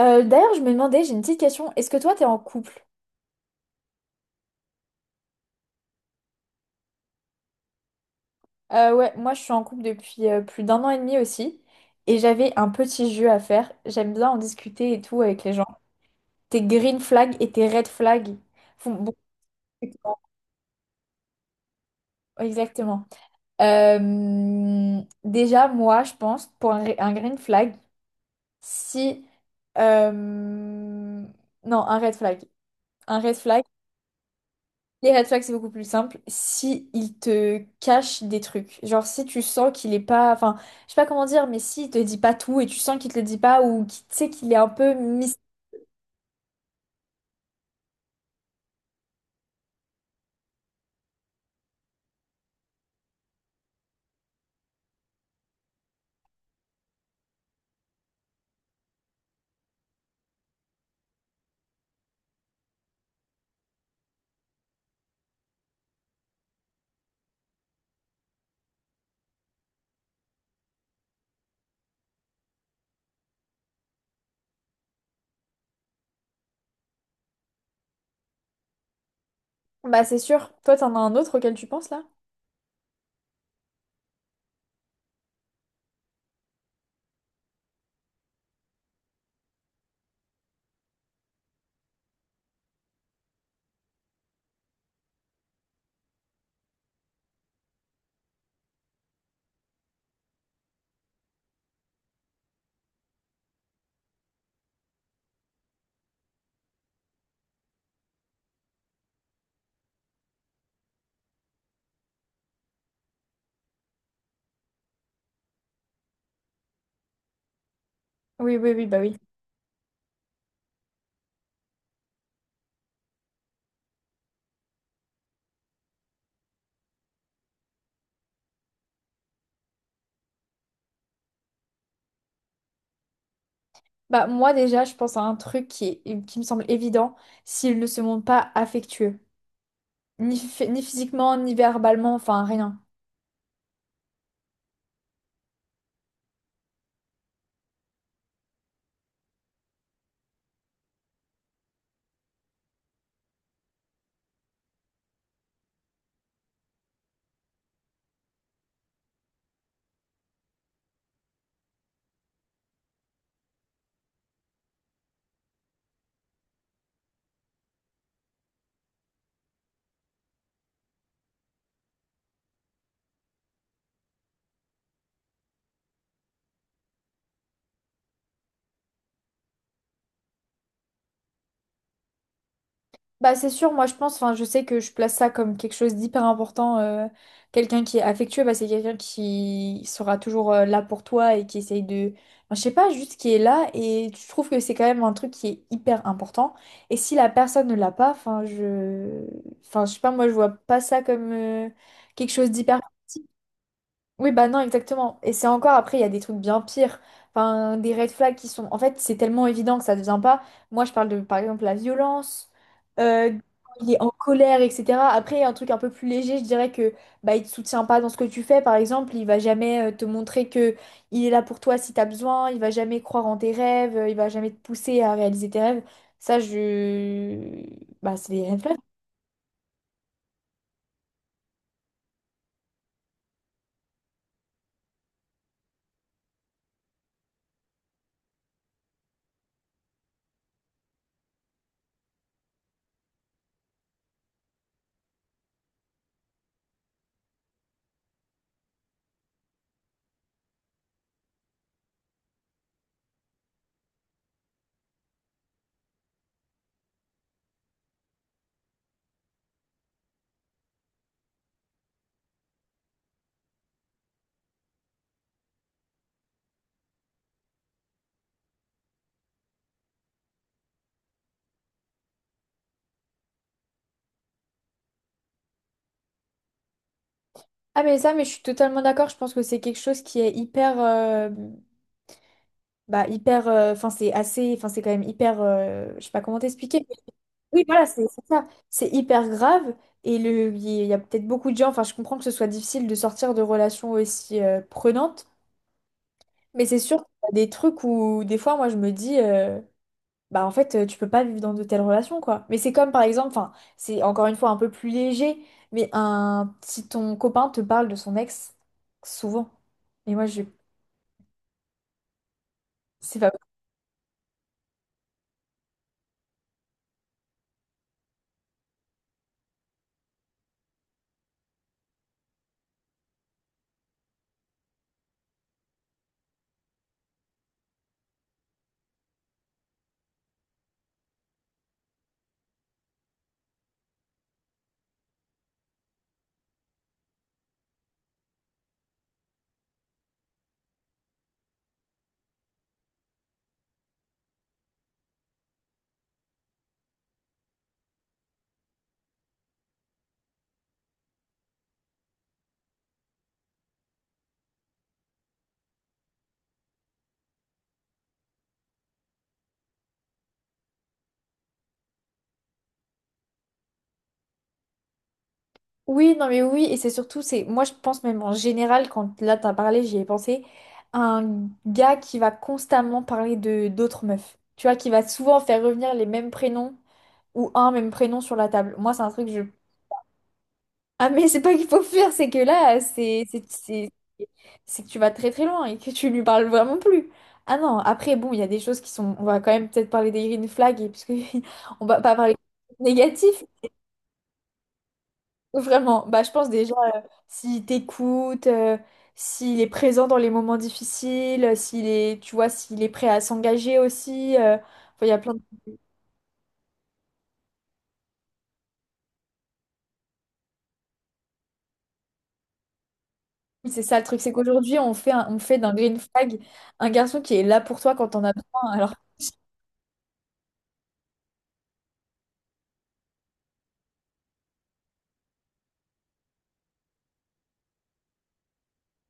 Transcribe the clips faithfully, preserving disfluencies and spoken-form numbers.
Euh, d'ailleurs, je me demandais, j'ai une petite question. Est-ce que toi, t'es en couple? Euh, ouais, moi, je suis en couple depuis euh, plus d'un an et demi aussi. Et j'avais un petit jeu à faire. J'aime bien en discuter et tout avec les gens. Tes green flags et tes red flags. Faut- bon, exactement. Euh, déjà, moi, je pense, pour un, un green flag, si... euh, non, un red flag. Un red flag. Les red flags, c'est beaucoup plus simple si il te cache des trucs. Genre, si tu sens qu'il est pas. Enfin, je sais pas comment dire, mais s'il te dit pas tout et tu sens qu'il te le dit pas ou qu'il tu sais qu'il est un peu mis. Bah, c'est sûr. Toi, t'en as un autre auquel tu penses là? Oui, oui, oui, bah oui. Bah, moi, déjà, je pense à un truc qui est- qui me semble évident s'il ne se montre pas affectueux. Ni, phy- ni physiquement, ni verbalement, enfin, rien. Bah, c'est sûr, moi je pense, enfin je sais que je place ça comme quelque chose d'hyper important. Euh, quelqu'un qui est affectueux, bah, c'est quelqu'un qui sera toujours euh, là pour toi et qui essaye de. Enfin, je sais pas, juste qui est là et je trouve que c'est quand même un truc qui est hyper important. Et si la personne ne l'a pas, enfin je. Enfin, je sais pas, moi je vois pas ça comme euh, quelque chose d'hyper. Oui, bah non, exactement. Et c'est encore après, il y a des trucs bien pires. Enfin, des red flags qui sont. En fait, c'est tellement évident que ça ne devient pas. Moi, je parle de, par exemple, la violence, euh, il est en colère, et cetera. Après, il y a un truc un peu plus léger, je dirais que bah, il te soutient pas dans ce que tu fais, par exemple. Il va jamais euh, te montrer que il est là pour toi si tu as besoin. Il va jamais croire en tes rêves. euh, Il va jamais te pousser à réaliser tes rêves. Ça, je. Bah, c'est des red flags. Ah, mais ça, mais je suis totalement d'accord. Je pense que c'est quelque chose qui est hyper. Euh, bah, hyper, euh, enfin, c'est assez, enfin, c'est quand même hyper, euh, je sais pas comment t'expliquer. Mais oui, voilà, c'est c'est ça. C'est hyper grave. Et le, il y a peut-être beaucoup de gens, enfin, je comprends que ce soit difficile de sortir de relations aussi euh, prenantes, mais c'est sûr qu'il y a des trucs où, des fois, moi, je me dis, euh, bah, en fait, euh, tu peux pas vivre dans de telles relations, quoi. Mais c'est comme, par exemple, enfin, c'est encore une fois un peu plus léger, mais un, si ton copain te parle de son ex, souvent. Et moi, je, c'est Oui, non mais oui, et c'est surtout, c'est moi je pense même en général, quand là t'as parlé, j'y ai pensé, un gars qui va constamment parler de d'autres meufs, tu vois, qui va souvent faire revenir les mêmes prénoms ou un même prénom sur la table. Moi c'est un truc, je... Ah mais c'est pas qu'il faut fuir, c'est que là, c'est c'est c'est- c'est que tu vas très très loin et que tu lui parles vraiment plus. Ah non, après bon, il y a des choses qui sont... On va quand même peut-être parler des green flags, et- parce que on va pas parler négatif, vraiment, bah, je pense déjà, euh, s'il t'écoute, euh, s'il est présent dans les moments difficiles, euh, s'il est, tu vois, s'il est prêt à s'engager aussi, euh, enfin, il y a plein de... C'est ça le truc, c'est qu'aujourd'hui, on fait un- on fait d'un green flag un garçon qui est là pour toi quand on a besoin. Alors,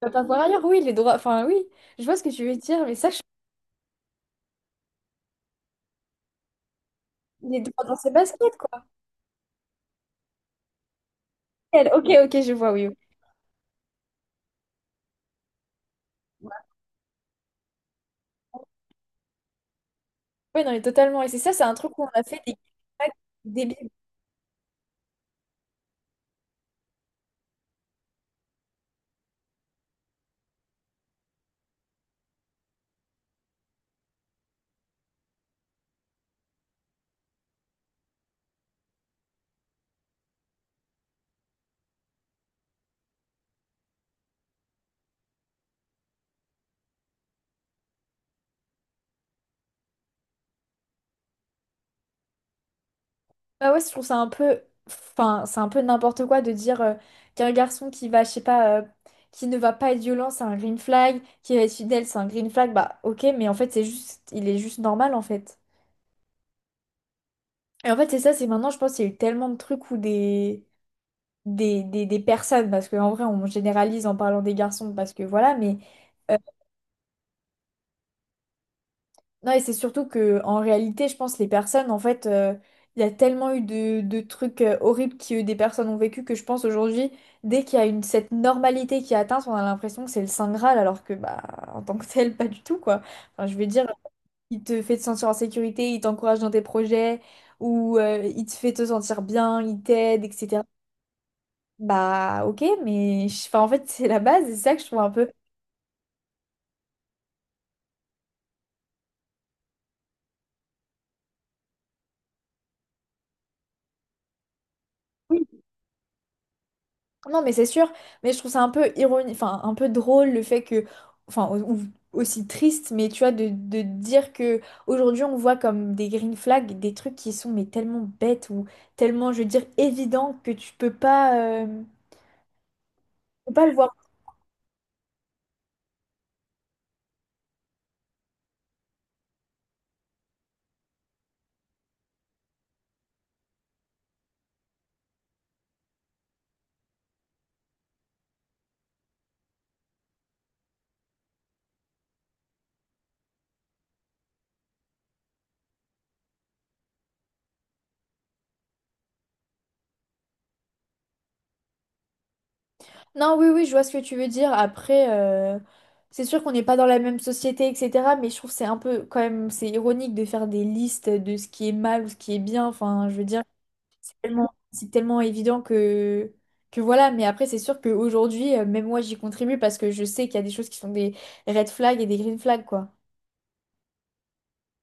tu vas pas voir ailleurs, oui, les droits, enfin oui, je vois ce que tu veux dire, mais sache il est droit dans ses baskets, quoi. Elle, ok, ok, je vois, oui. Oui, ouais, non, mais totalement. Et c'est ça, c'est un truc où on a fait des green flags débile. Bah ouais, je trouve ça un peu, enfin, c'est un peu n'importe quoi de dire euh, qu'un garçon qui va, je sais pas, euh, qui ne va pas être violent, c'est un green flag, qui va être fidèle, c'est un green flag, bah ok, mais en fait, c'est juste, il est juste normal en fait. Et en fait, c'est ça, c'est maintenant, je pense qu'il y a eu tellement de trucs où des, des, des, des personnes, parce qu'en vrai, on généralise en parlant des garçons, parce que voilà, mais. Non, et c'est surtout que en réalité, je pense les personnes, en fait, euh, il y a tellement eu de, de trucs euh, horribles que des personnes ont vécu que je pense aujourd'hui, dès qu'il y a une, cette normalité qui est atteinte, on a l'impression que c'est le Saint Graal, alors que bah en tant que tel, pas du tout, quoi. Enfin, je veux dire, il te fait te sentir en sécurité, il t'encourage dans tes projets, ou euh, il te fait te sentir bien, il t'aide, et cetera. Bah ok, mais je- enfin, en fait, c'est la base, et c'est ça que je trouve un peu. Non, mais c'est sûr, mais je trouve ça un peu ironique, enfin un peu drôle le fait que, enfin, ou- ou aussi triste, mais tu vois, de, de dire que aujourd'hui on voit comme des green flags des trucs qui sont mais tellement bêtes ou tellement, je veux dire, évidents que tu peux pas, euh, tu peux pas le voir. Non, oui, oui, je vois ce que tu veux dire. Après, euh, c'est sûr qu'on n'est pas dans la même société, et cetera, mais je trouve que c'est un peu quand même, c'est ironique de faire des listes de ce qui est mal ou ce qui est bien, enfin, je veux dire. Tellement, c'est tellement évident que, que voilà. Mais après, c'est sûr qu'aujourd'hui, euh, même moi, j'y contribue parce que je sais qu'il y a des choses qui sont des red flags et des green flags, quoi.